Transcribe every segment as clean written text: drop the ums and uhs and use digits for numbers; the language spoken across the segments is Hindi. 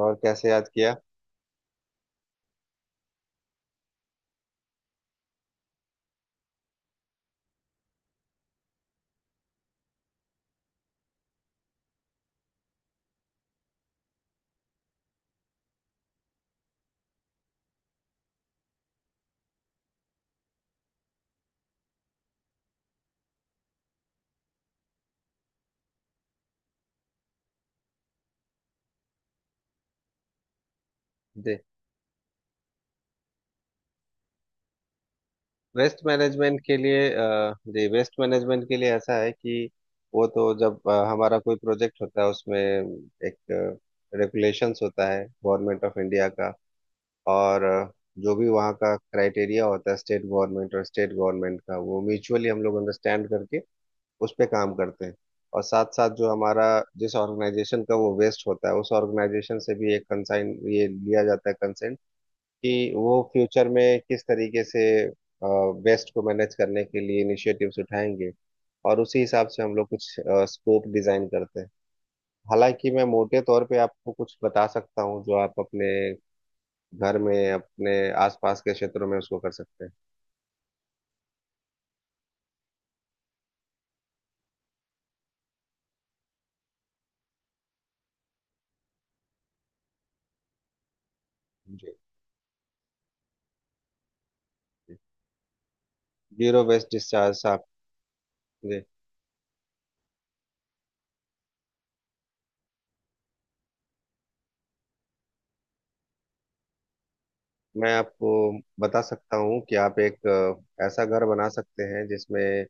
और कैसे याद किया। दे। वेस्ट मैनेजमेंट के लिए अ, जी, वेस्ट मैनेजमेंट के लिए ऐसा है कि वो तो जब हमारा कोई प्रोजेक्ट होता है उसमें एक रेगुलेशंस होता है गवर्नमेंट ऑफ इंडिया का। और जो भी वहाँ का क्राइटेरिया होता है, स्टेट गवर्नमेंट और स्टेट गवर्नमेंट का, वो म्यूचुअली हम लोग अंडरस्टैंड करके उस पे काम करते हैं। और साथ साथ जो हमारा, जिस ऑर्गेनाइजेशन का वो वेस्ट होता है उस ऑर्गेनाइजेशन से भी एक कंसाइन ये लिया जाता है, कंसेंट, कि वो फ्यूचर में किस तरीके से वेस्ट को मैनेज करने के लिए इनिशिएटिव्स उठाएंगे। और उसी हिसाब से हम लोग कुछ स्कोप डिजाइन करते हैं। हालांकि मैं मोटे तौर पे आपको कुछ बता सकता हूँ जो आप अपने घर में, अपने आसपास के क्षेत्रों में उसको कर सकते हैं। जी। जीरो वेस्ट डिस्चार्ज आप। जी। मैं आपको बता सकता हूँ कि आप एक ऐसा घर बना सकते हैं जिसमें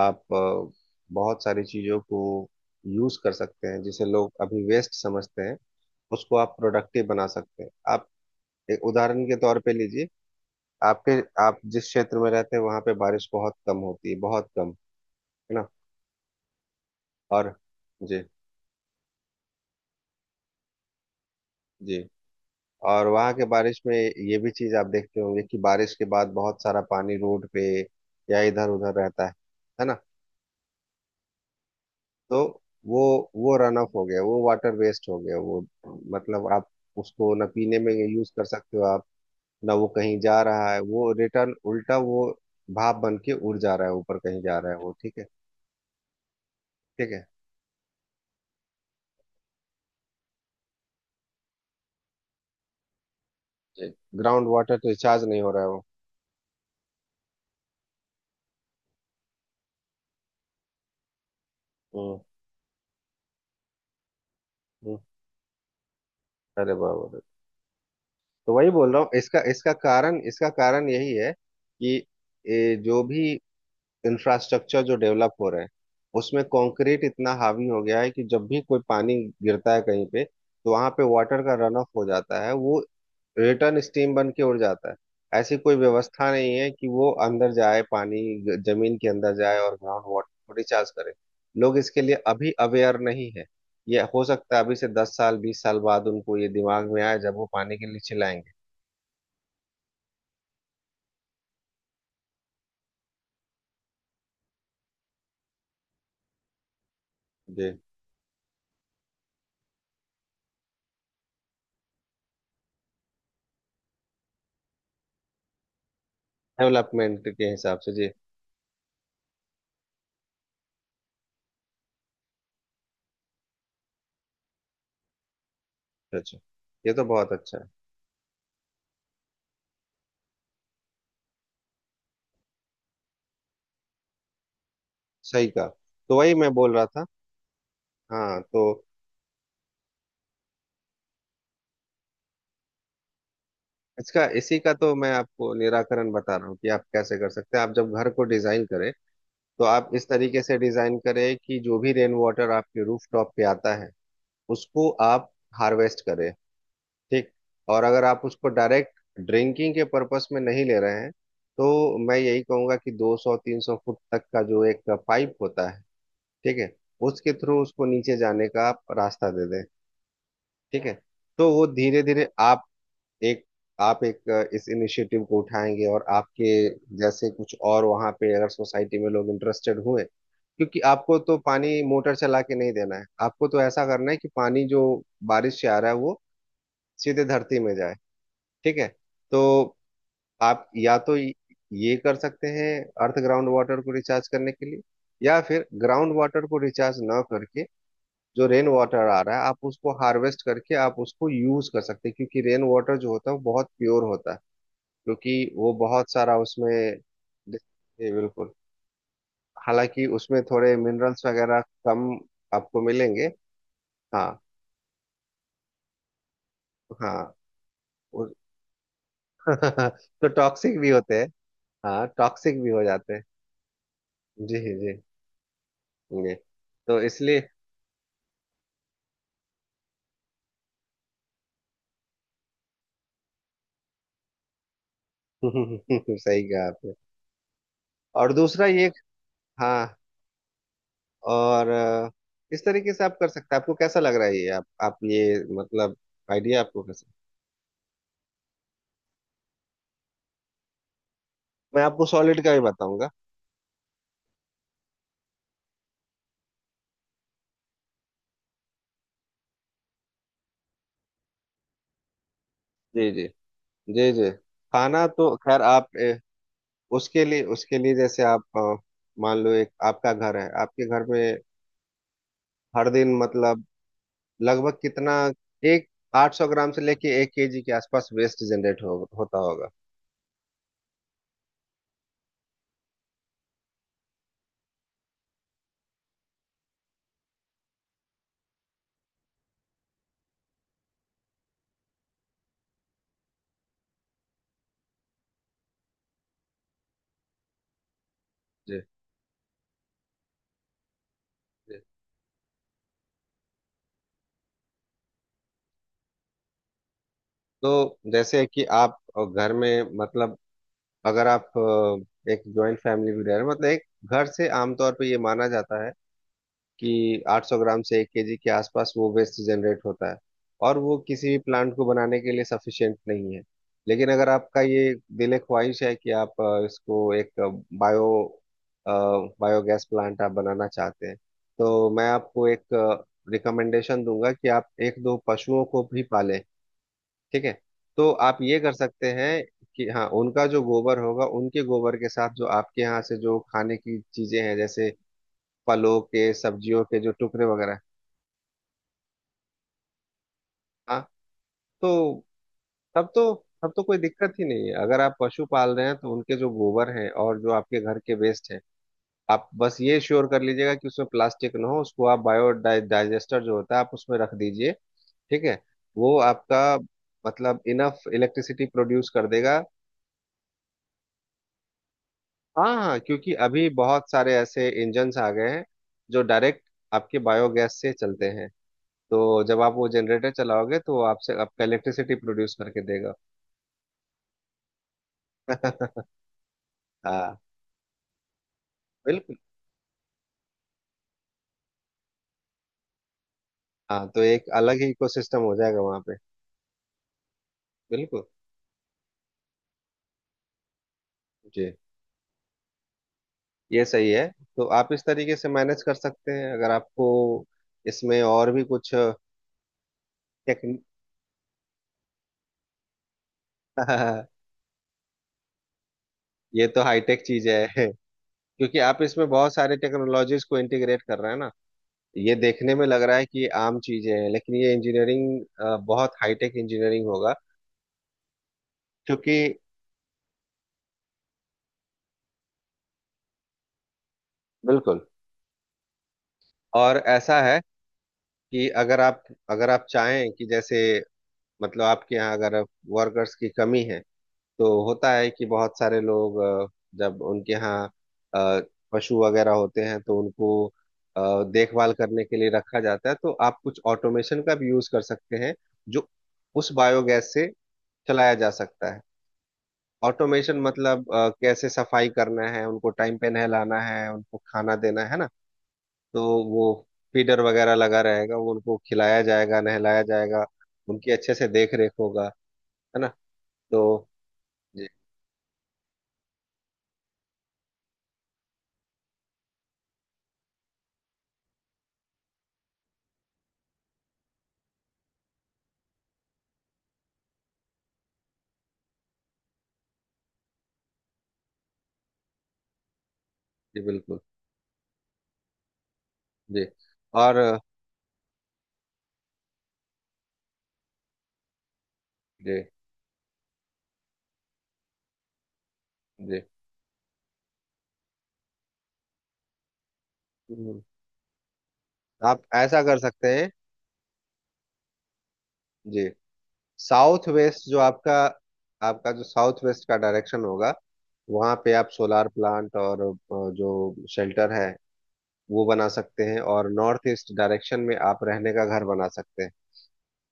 आप बहुत सारी चीज़ों को यूज़ कर सकते हैं जिसे लोग अभी वेस्ट समझते हैं। उसको आप प्रोडक्टिव बना सकते हैं। आप एक उदाहरण के तौर पे लीजिए। आपके आप जिस क्षेत्र में रहते हैं वहाँ पे बारिश बहुत कम होती है, बहुत कम है ना। और जी। जी। और वहाँ के बारिश में ये भी चीज़ आप देखते होंगे कि बारिश के बाद बहुत सारा पानी रोड पे या इधर उधर रहता है ना। तो वो वो रन ऑफ हो गया, वो वाटर वेस्ट हो गया, वो मतलब आप उसको ना पीने में यूज कर सकते हो। आप, ना वो कहीं जा रहा है, वो रिटर्न उल्टा वो भाप बन के उड़ जा रहा है, ऊपर कहीं जा रहा है, वो ठीक है। ठीक है। जी। ग्राउंड वाटर रिचार्ज नहीं हो रहा है वो। हम्म, हम्म, अरे बाबा रे। तो वही बोल रहा हूँ, इसका इसका कारण यही है कि जो भी इंफ्रास्ट्रक्चर जो डेवलप हो रहे हैं उसमें कंक्रीट इतना हावी हो गया है कि जब भी कोई पानी गिरता है कहीं पे तो वहां पे वाटर का रन ऑफ हो जाता है, वो रिटर्न स्टीम बन के उड़ जाता है। ऐसी कोई व्यवस्था नहीं है कि वो अंदर जाए, पानी जमीन के अंदर जाए और ग्राउंड वाटर रिचार्ज करे। लोग इसके लिए अभी अवेयर नहीं है। ये हो सकता है अभी से 10 साल 20 साल बाद उनको ये दिमाग में आए जब वो पानी के लिए चिल्लाएंगे। जी। डेवलपमेंट के हिसाब से जी। अच्छा अच्छा। ये तो बहुत अच्छा है। सही का। तो वही मैं बोल रहा था। हाँ, तो इसका, इसी का तो मैं आपको निराकरण बता रहा हूँ कि आप कैसे कर सकते हैं। आप जब घर को डिजाइन करें तो आप इस तरीके से डिजाइन करें कि जो भी रेन वाटर आपके रूफ टॉप पे आता है उसको आप हार्वेस्ट करें। ठीक। और अगर आप उसको डायरेक्ट ड्रिंकिंग के पर्पस में नहीं ले रहे हैं तो मैं यही कहूंगा कि 200 300 फुट तक का जो एक पाइप होता है, ठीक है, उसके थ्रू उसको नीचे जाने का आप रास्ता दे दें। ठीक है। तो वो धीरे धीरे आप एक एक इस इनिशिएटिव को उठाएंगे और आपके जैसे कुछ और वहां पे अगर सोसाइटी में लोग इंटरेस्टेड हुए, क्योंकि आपको तो पानी मोटर चला के नहीं देना है, आपको तो ऐसा करना है कि पानी जो बारिश से आ रहा है वो सीधे धरती में जाए। ठीक है। तो आप या तो ये कर सकते हैं, अर्थ ग्राउंड वाटर को रिचार्ज करने के लिए, या फिर ग्राउंड वाटर को रिचार्ज ना करके जो रेन वाटर आ रहा है आप उसको हार्वेस्ट करके आप उसको यूज कर सकते हैं, क्योंकि रेन वाटर जो होता है वो बहुत प्योर होता है, क्योंकि वो बहुत सारा उसमें जी, बिल्कुल। हालांकि उसमें थोड़े मिनरल्स वगैरह कम आपको मिलेंगे। हाँ, हाँ, उस- तो टॉक्सिक भी होते हैं। हाँ टॉक्सिक भी हो जाते हैं। जी, जी। जी। तो इसलिए सही कहा आपने। और दूसरा ये। हाँ। और इस तरीके से आप कर सकते हैं। आपको कैसा लग रहा है ये, आप ये मतलब आइडिया आपको कैसा। मैं आपको सॉलिड का ही बताऊंगा। जी, जी। जी, जी। खाना तो खैर आप, उसके लिए जैसे आप मान लो एक आपका घर है, आपके घर में हर दिन मतलब लगभग कितना एक 800 ग्राम से लेके 1 केजी के आसपास वेस्ट जनरेट होता होगा। जी, जी। तो जैसे कि आप घर में मतलब अगर आप एक जॉइंट फैमिली भी रह रहे हो मतलब एक घर से आमतौर पे ये माना जाता है कि 800 ग्राम से 1 केजी के आसपास वो वेस्ट जनरेट होता है, और वो किसी भी प्लांट को बनाने के लिए सफिशिएंट नहीं है। लेकिन अगर आपका ये दिल ख्वाहिश है कि आप इसको एक बायो बायोगैस प्लांट आप बनाना चाहते हैं तो मैं आपको एक रिकमेंडेशन दूंगा कि आप एक दो पशुओं को भी पालें। ठीक है। तो आप ये कर सकते हैं कि हाँ उनका जो गोबर होगा, उनके गोबर के साथ जो आपके यहाँ से जो खाने की चीजें हैं जैसे फलों के, सब्जियों के जो टुकड़े वगैरह। हाँ। तो तब तो तब तो कोई दिक्कत ही नहीं है, अगर आप पशु पाल रहे हैं तो उनके जो गोबर हैं और जो आपके घर के वेस्ट हैं, आप बस ये श्योर कर लीजिएगा कि उसमें प्लास्टिक ना हो। उसको आप बायो डाइजेस्टर जो होता है आप उसमें रख दीजिए। ठीक है। वो आपका मतलब इनफ इलेक्ट्रिसिटी प्रोड्यूस कर देगा। हाँ, हाँ, क्योंकि अभी बहुत सारे ऐसे इंजन्स आ गए हैं जो डायरेक्ट आपके बायोगैस से चलते हैं। तो जब आप वो जनरेटर चलाओगे तो वो आपसे आपका इलेक्ट्रिसिटी प्रोड्यूस करके देगा। हाँ बिल्कुल। हाँ, तो एक अलग ही इकोसिस्टम हो जाएगा वहां पे। बिल्कुल। जी। ये सही है। तो आप इस तरीके से मैनेज कर सकते हैं अगर आपको इसमें और भी कुछ टेक्निक। ये तो हाईटेक चीज है। क्योंकि आप इसमें बहुत सारे टेक्नोलॉजीज को इंटीग्रेट कर रहे हैं ना। ये देखने में लग रहा है कि ये आम चीजें हैं लेकिन ये इंजीनियरिंग, बहुत हाईटेक इंजीनियरिंग होगा। क्योंकि बिल्कुल। और ऐसा है कि अगर आप चाहें कि जैसे मतलब आपके यहाँ अगर वर्कर्स की कमी है, तो होता है कि बहुत सारे लोग जब उनके यहाँ अ, पशु वगैरह होते हैं तो उनको देखभाल करने के लिए रखा जाता है, तो आप कुछ ऑटोमेशन का भी यूज कर सकते हैं जो उस बायोगैस से चलाया जा सकता है। ऑटोमेशन मतलब कैसे सफाई करना है, उनको टाइम पे नहलाना है, उनको खाना देना है ना, तो वो फीडर वगैरह लगा रहेगा, वो उनको खिलाया जाएगा, नहलाया जाएगा, उनकी अच्छे से देख रेख होगा, है ना। तो जी, जी, बिल्कुल। जी। और जी, जी। हम्म, आप ऐसा कर सकते हैं। जी। साउथ वेस्ट जो आपका आपका जो साउथ वेस्ट का डायरेक्शन होगा वहाँ पे आप सोलार प्लांट और जो शेल्टर है वो बना सकते हैं, और नॉर्थ ईस्ट डायरेक्शन में आप रहने का घर बना सकते हैं।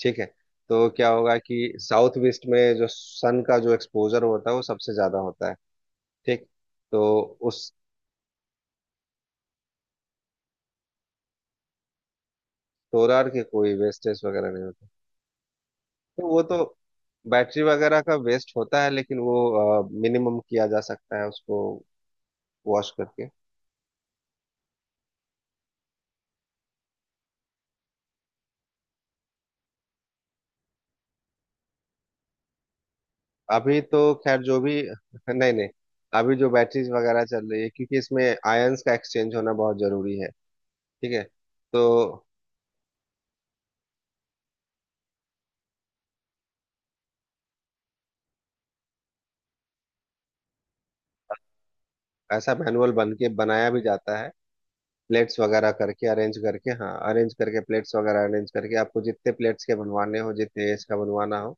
ठीक है। तो क्या होगा कि साउथ वेस्ट में जो सन का जो एक्सपोजर होता है वो सबसे ज्यादा होता है। ठीक। तो उस सोलार के कोई वेस्टेज वगैरह नहीं होते। तो वो तो बैटरी वगैरह का वेस्ट होता है, लेकिन वो मिनिमम किया जा सकता है उसको वॉश करके। अभी तो खैर जो भी नहीं, नहीं, अभी जो बैटरीज वगैरह चल रही है, क्योंकि इसमें आयंस का एक्सचेंज होना बहुत जरूरी है। ठीक है। तो ऐसा मैनुअल बन के बनाया भी जाता है, प्लेट्स वगैरह करके अरेंज करके, हाँ, अरेंज करके, प्लेट्स वगैरह अरेंज करके, आपको जितने प्लेट्स के बनवाने हो, जितने एज का बनवाना हो,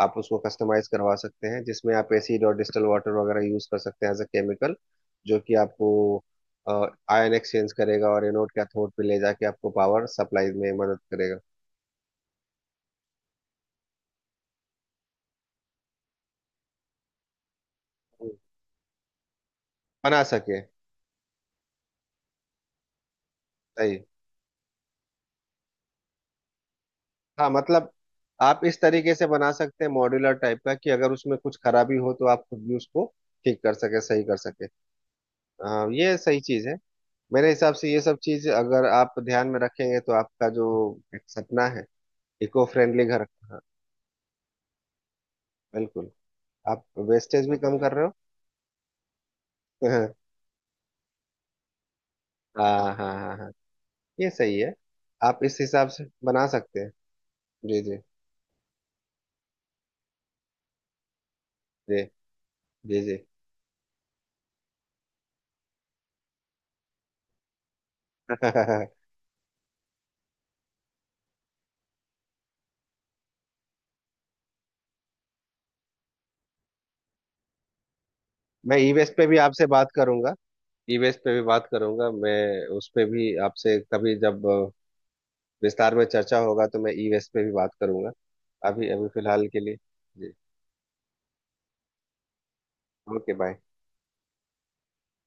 आप उसको कस्टमाइज करवा सकते हैं जिसमें आप एसिड और डिस्टल वाटर वगैरह यूज कर सकते हैं एज अ केमिकल, जो कि आपको आयन एक्सचेंज करेगा और एनोड कैथोड पे ले जाके आपको पावर सप्लाई में मदद करेगा। हम्म। बना सके, सही। हाँ, मतलब आप इस तरीके से बना सकते हैं मॉड्यूलर टाइप का कि अगर उसमें कुछ खराबी हो तो आप खुद भी उसको ठीक कर सके, सही कर सके। हाँ ये सही चीज है। मेरे हिसाब से ये सब चीज अगर आप ध्यान में रखेंगे तो आपका जो एक सपना है इको फ्रेंडली घर, हाँ बिल्कुल, आप वेस्टेज भी कम कर रहे हो। हाँ, हाँ, हाँ, हाँ, ये सही है। आप इस हिसाब से बना सकते हैं। जी, जी, जी, जी, जी। मैं ई वेस्ट पे भी आपसे बात करूंगा। ई वेस्ट पे भी बात करूंगा मैं, उस पे भी आपसे कभी, जब विस्तार में चर्चा होगा तो मैं ई वेस्ट पे भी बात करूंगा। अभी अभी फिलहाल के लिए जी ओके बाय।